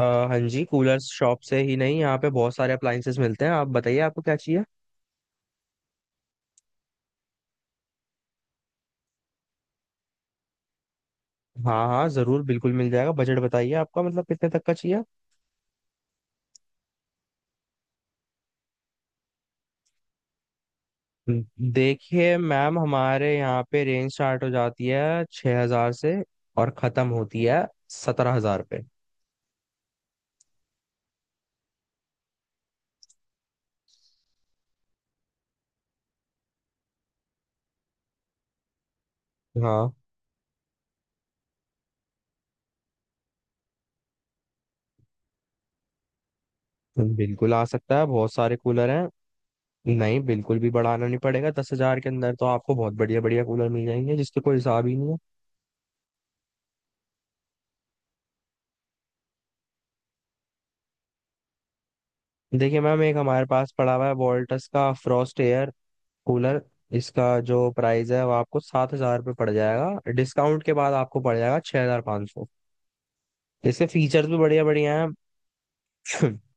हाँ जी, cooler shop से ही नहीं, यहाँ पे बहुत सारे अप्लायंसेस मिलते हैं। आप बताइए आपको क्या चाहिए। हाँ हाँ, जरूर, बिल्कुल मिल जाएगा। बजट बताइए आपका, मतलब कितने तक का चाहिए। हम्म। देखिए मैम, हमारे यहाँ पे रेंज स्टार्ट हो जाती है 6,000 से और खत्म होती है 17,000 पे। हाँ, बिल्कुल आ सकता है, बहुत सारे कूलर हैं। नहीं, बिल्कुल भी बढ़ाना नहीं पड़ेगा, 10,000 के अंदर तो आपको बहुत बढ़िया बढ़िया कूलर मिल जाएंगे, जिसके कोई हिसाब ही नहीं है। देखिए मैम, एक हमारे पास पड़ा हुआ है वोल्टस का फ्रॉस्ट एयर कूलर। इसका जो प्राइस है वो आपको ₹7,000 पड़ जाएगा, डिस्काउंट के बाद आपको पड़ जाएगा 6,500। इसके फीचर्स भी बढ़िया बढ़िया हैं।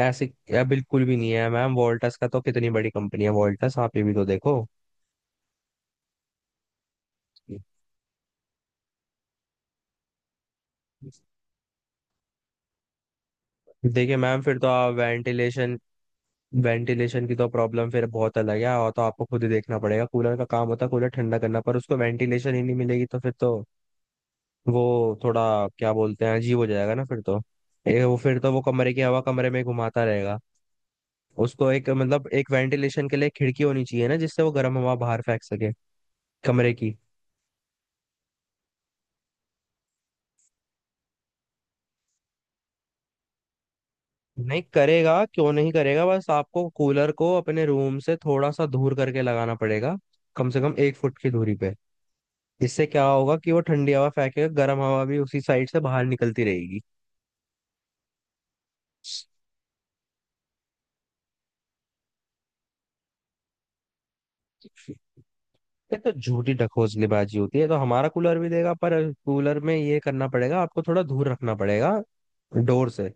ऐसे या बिल्कुल भी नहीं है मैम, वोल्टास का तो कितनी बड़ी कंपनी है वोल्टास, आप ये भी तो देखो। देखिए मैम, फिर तो आप वेंटिलेशन वेंटिलेशन की तो प्रॉब्लम फिर बहुत अलग है, और तो आपको खुद ही देखना पड़ेगा। कूलर का काम होता है कूलर ठंडा करना, पर उसको वेंटिलेशन ही नहीं मिलेगी तो फिर तो वो थोड़ा, क्या बोलते हैं, अजीब हो जाएगा ना फिर तो। ये वो फिर तो वो कमरे की हवा कमरे में घुमाता रहेगा। उसको एक, मतलब एक वेंटिलेशन के लिए खिड़की होनी चाहिए ना, जिससे वो गर्म हवा बाहर फेंक सके कमरे की। नहीं करेगा क्यों नहीं करेगा, बस आपको कूलर को अपने रूम से थोड़ा सा दूर करके लगाना पड़ेगा, कम से कम 1 फुट की दूरी पे। इससे क्या होगा कि वो ठंडी हवा फेंकेगा, गर्म हवा भी उसी साइड से बाहर निकलती रहेगी। ये तो झूठी ढकोसलेबाजी होती है, तो हमारा कूलर भी देगा, पर कूलर में ये करना पड़ेगा, आपको थोड़ा दूर रखना पड़ेगा डोर से।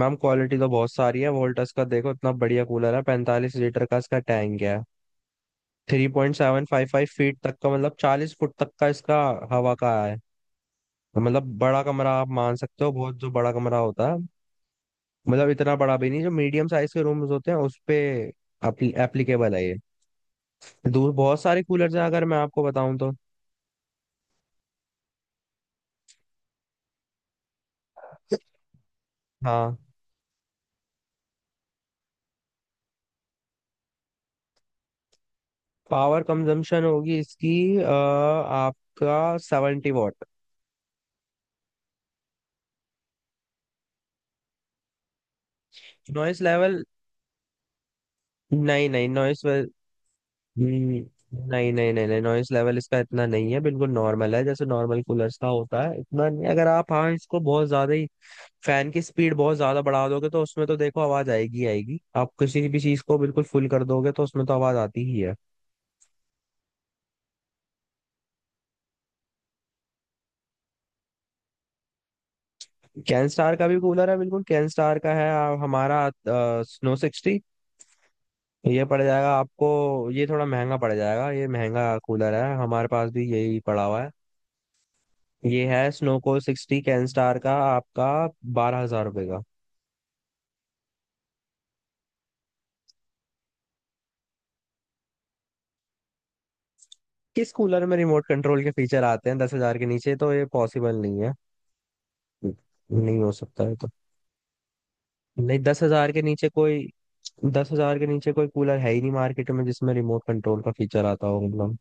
मैम क्वालिटी तो बहुत सारी है, वोल्टस का देखो, इतना बढ़िया कूलर है, 45 लीटर का इसका टैंक है। Three point seven five five feet तक का, मतलब 40 फुट तक का इसका हवा का है। तो मतलब बड़ा कमरा आप मान सकते हो, बहुत जो बड़ा कमरा होता है, मतलब इतना बड़ा भी नहीं, जो मीडियम साइज के रूम्स होते हैं उस पे एप्लीकेबल है ये। दूर बहुत सारे कूलर्स हैं अगर मैं आपको बताऊं तो। हाँ। पावर कंजम्पशन होगी इसकी आपका 70 वॉट। नॉइस लेवल, नहीं नहीं, नॉइस। हम्म, नहीं नहीं नहीं नहीं, नॉइस लेवल इसका इतना नहीं है, बिल्कुल नॉर्मल है जैसे नॉर्मल कूलर्स का होता है इतना, नहीं अगर आप, हाँ इसको बहुत ज्यादा ही फैन की स्पीड बहुत ज्यादा बढ़ा दोगे तो उसमें तो देखो आवाज आएगी ही आएगी, आप किसी भी चीज को बिल्कुल फुल कर दोगे तो उसमें तो आवाज आती ही है। कैन स्टार का भी कूलर है, बिल्कुल कैन स्टार का है। हमारा स्नो सिक्सटी, ये पड़ जाएगा आपको, ये थोड़ा महंगा पड़ जाएगा, ये महंगा कूलर है, हमारे पास भी यही पड़ा हुआ है। ये है snow cool sixty Kenstar का, आपका ₹12,000 का। किस कूलर में रिमोट कंट्रोल के फीचर आते हैं, 10,000 के नीचे तो ये पॉसिबल नहीं है, नहीं हो सकता है तो। नहीं, 10,000 के नीचे कोई दस हजार के नीचे कोई कूलर है ही नहीं मार्केट में, जिसमें रिमोट कंट्रोल का फीचर आता हो, मतलब।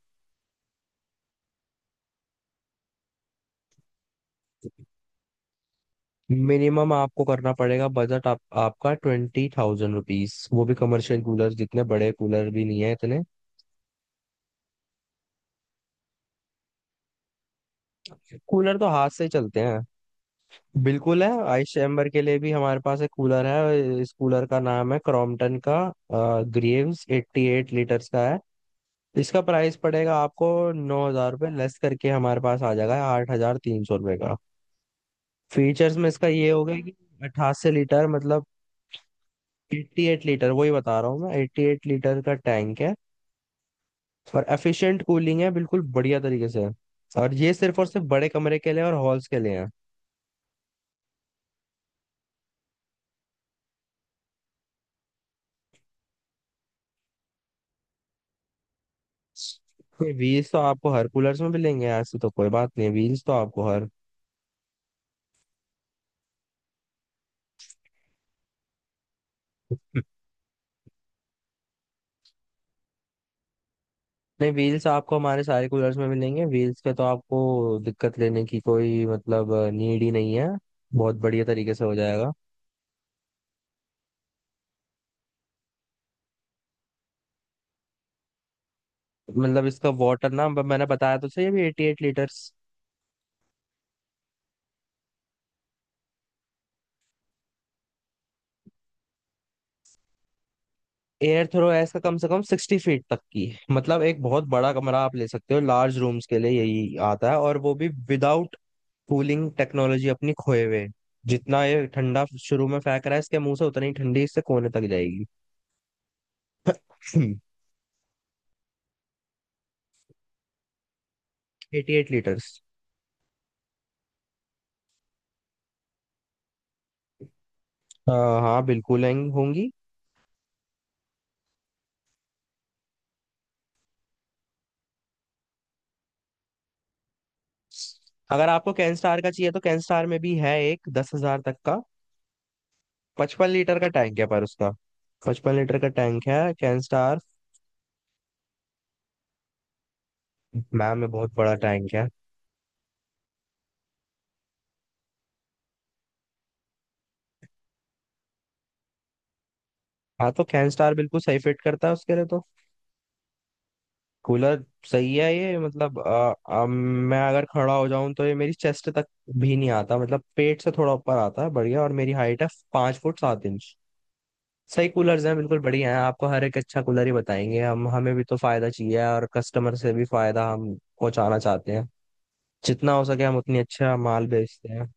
मिनिमम आपको करना पड़ेगा बजट, आपका ₹20,000, वो भी कमर्शियल कूलर, जितने बड़े कूलर भी नहीं है इतने। कूलर तो हाथ से चलते हैं। बिल्कुल है, आइस चैम्बर के लिए भी हमारे पास एक कूलर है, इस कूलर का नाम है क्रॉम्पटन का ग्रीव्स, 88 लीटर्स का है। इसका प्राइस पड़ेगा आपको ₹9,000, लेस करके हमारे पास आ जाएगा ₹8,300 का। फीचर्स में इसका ये हो गया कि अठासी लीटर, मतलब 88 लीटर, वही बता रहा हूँ मैं, 88 लीटर का टैंक है और एफिशिएंट कूलिंग है, बिल्कुल बढ़िया तरीके से। और ये सिर्फ और सिर्फ बड़े कमरे के लिए और हॉल्स के लिए है। व्हील्स तो आपको हर कूलर्स में मिलेंगे, ऐसी तो कोई बात नहीं है, व्हील्स तो आपको हर, नहीं व्हील्स आपको हमारे सारे कूलर्स में मिलेंगे, व्हील्स का तो आपको दिक्कत लेने की कोई मतलब नीड ही नहीं है, बहुत बढ़िया तरीके से हो जाएगा। मतलब इसका वाटर ना मैंने बताया तो सही, अभी 88 लीटर्स। एयर थ्रो है इसका कम से कम 60 फीट तक की है। मतलब एक बहुत बड़ा कमरा आप ले सकते हो, लार्ज रूम्स के लिए यही आता है, और वो भी विदाउट कूलिंग टेक्नोलॉजी अपनी खोए हुए। जितना ये ठंडा शुरू में फेंक रहा है इसके मुंह से, उतनी ही ठंडी इससे कोने तक जाएगी। 88 लीटर्स। हाँ बिल्कुल होंगी। अगर आपको कैन स्टार का चाहिए तो कैन स्टार में भी है एक, 10,000 तक का, 55 लीटर का टैंक है, पर उसका, 55 लीटर का टैंक है कैन स्टार। मैम में बहुत बड़ा टैंक है। हाँ तो कैन स्टार बिल्कुल सही फिट करता है उसके लिए तो। कूलर सही है ये, मतलब मैं अगर खड़ा हो जाऊं तो ये मेरी चेस्ट तक भी नहीं आता, मतलब पेट से थोड़ा ऊपर आता है, बढ़िया, और मेरी हाइट है 5 फुट 7 इंच। सही कूलर्स हैं, बिल्कुल बढ़िया हैं, आपको हर एक अच्छा कूलर ही बताएंगे हम, हमें भी तो फायदा चाहिए और कस्टमर से भी फायदा हम पहुंचाना चाहते हैं, जितना हो सके हम उतनी अच्छा माल बेचते हैं।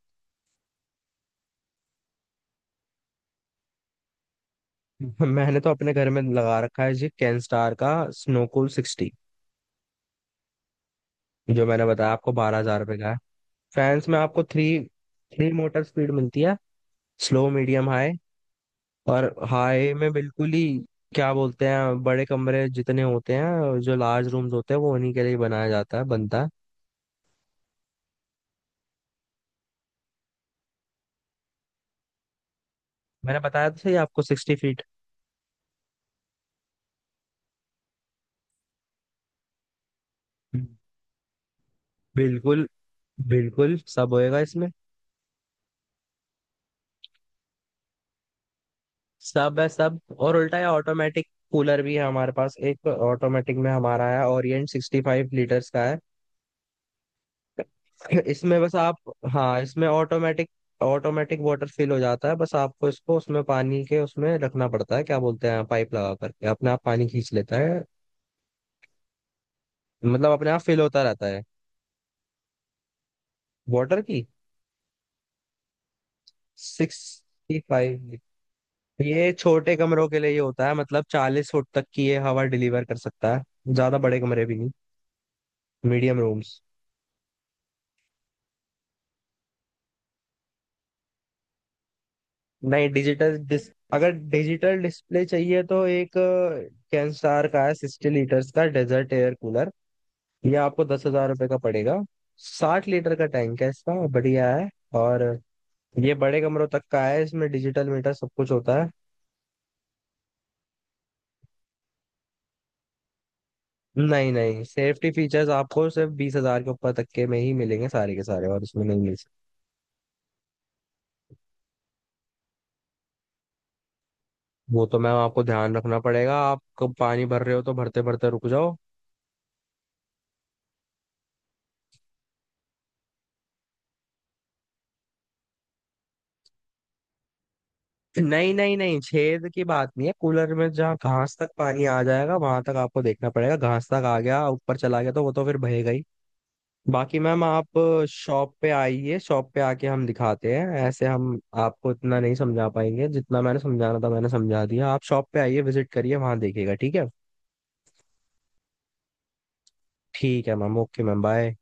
मैंने तो अपने घर में लगा रखा है जी, कैन स्टार का स्नोकूल सिक्सटी, जो मैंने बताया आपको, ₹12,000 का है। फैंस में आपको थ्री थ्री मोटर स्पीड मिलती है, स्लो मीडियम हाई। और हाई में बिल्कुल ही, क्या बोलते हैं, बड़े कमरे जितने होते हैं, जो लार्ज रूम्स होते हैं, वो उन्हीं के लिए बनाया जाता है, बनता है। मैंने बताया तो सही आपको, 60 फीट। बिल्कुल, बिल्कुल सब होएगा इसमें। सब है सब, और उल्टा है, ऑटोमेटिक कूलर भी है हमारे पास, एक ऑटोमेटिक में हमारा है ओरिएंट 65 लीटर्स का है। इसमें बस आप, हाँ इसमें ऑटोमेटिक ऑटोमेटिक वाटर फिल हो जाता है, बस आपको इसको उसमें पानी के उसमें रखना पड़ता है, क्या बोलते हैं, पाइप लगा करके अपने आप पानी खींच लेता है, मतलब अपने आप फिल होता रहता है। वाटर की, सिक्सटी फाइव, ये छोटे कमरों के लिए ये होता है, मतलब 40 फुट तक की ये हवा डिलीवर कर सकता है, ज्यादा बड़े कमरे भी नहीं, मीडियम रूम्स। नहीं डिजिटल डिस, अगर डिजिटल डिस्प्ले चाहिए तो एक कैनस्टार का है 60 लीटर्स का डेजर्ट एयर कूलर, ये आपको ₹10,000 का पड़ेगा। 60 लीटर का टैंक है इसका, बढ़िया है, और ये बड़े कमरों तक का है, इसमें डिजिटल मीटर सब कुछ होता है। नहीं नहीं, सेफ्टी फीचर्स आपको सिर्फ 20,000 के ऊपर तक के में ही मिलेंगे, सारे के सारे, और इसमें नहीं मिल सकते। वो तो मैम आपको ध्यान रखना पड़ेगा, आप कब पानी भर रहे हो, तो भरते भरते रुक जाओ। नहीं नहीं नहीं, छेद की बात नहीं है कूलर में, जहाँ घास तक पानी आ जाएगा वहां तक आपको देखना पड़ेगा, घास तक आ गया ऊपर चला गया तो वो तो फिर बहेगा ही। बाकी मैम आप शॉप पे आइए, शॉप पे आके हम दिखाते हैं, ऐसे हम आपको इतना नहीं समझा पाएंगे, जितना मैंने समझाना था मैंने समझा दिया, आप शॉप पे आइए, विजिट करिए, वहां देखिएगा, ठीक है। ठीक है मैम, ओके मैम, बाय।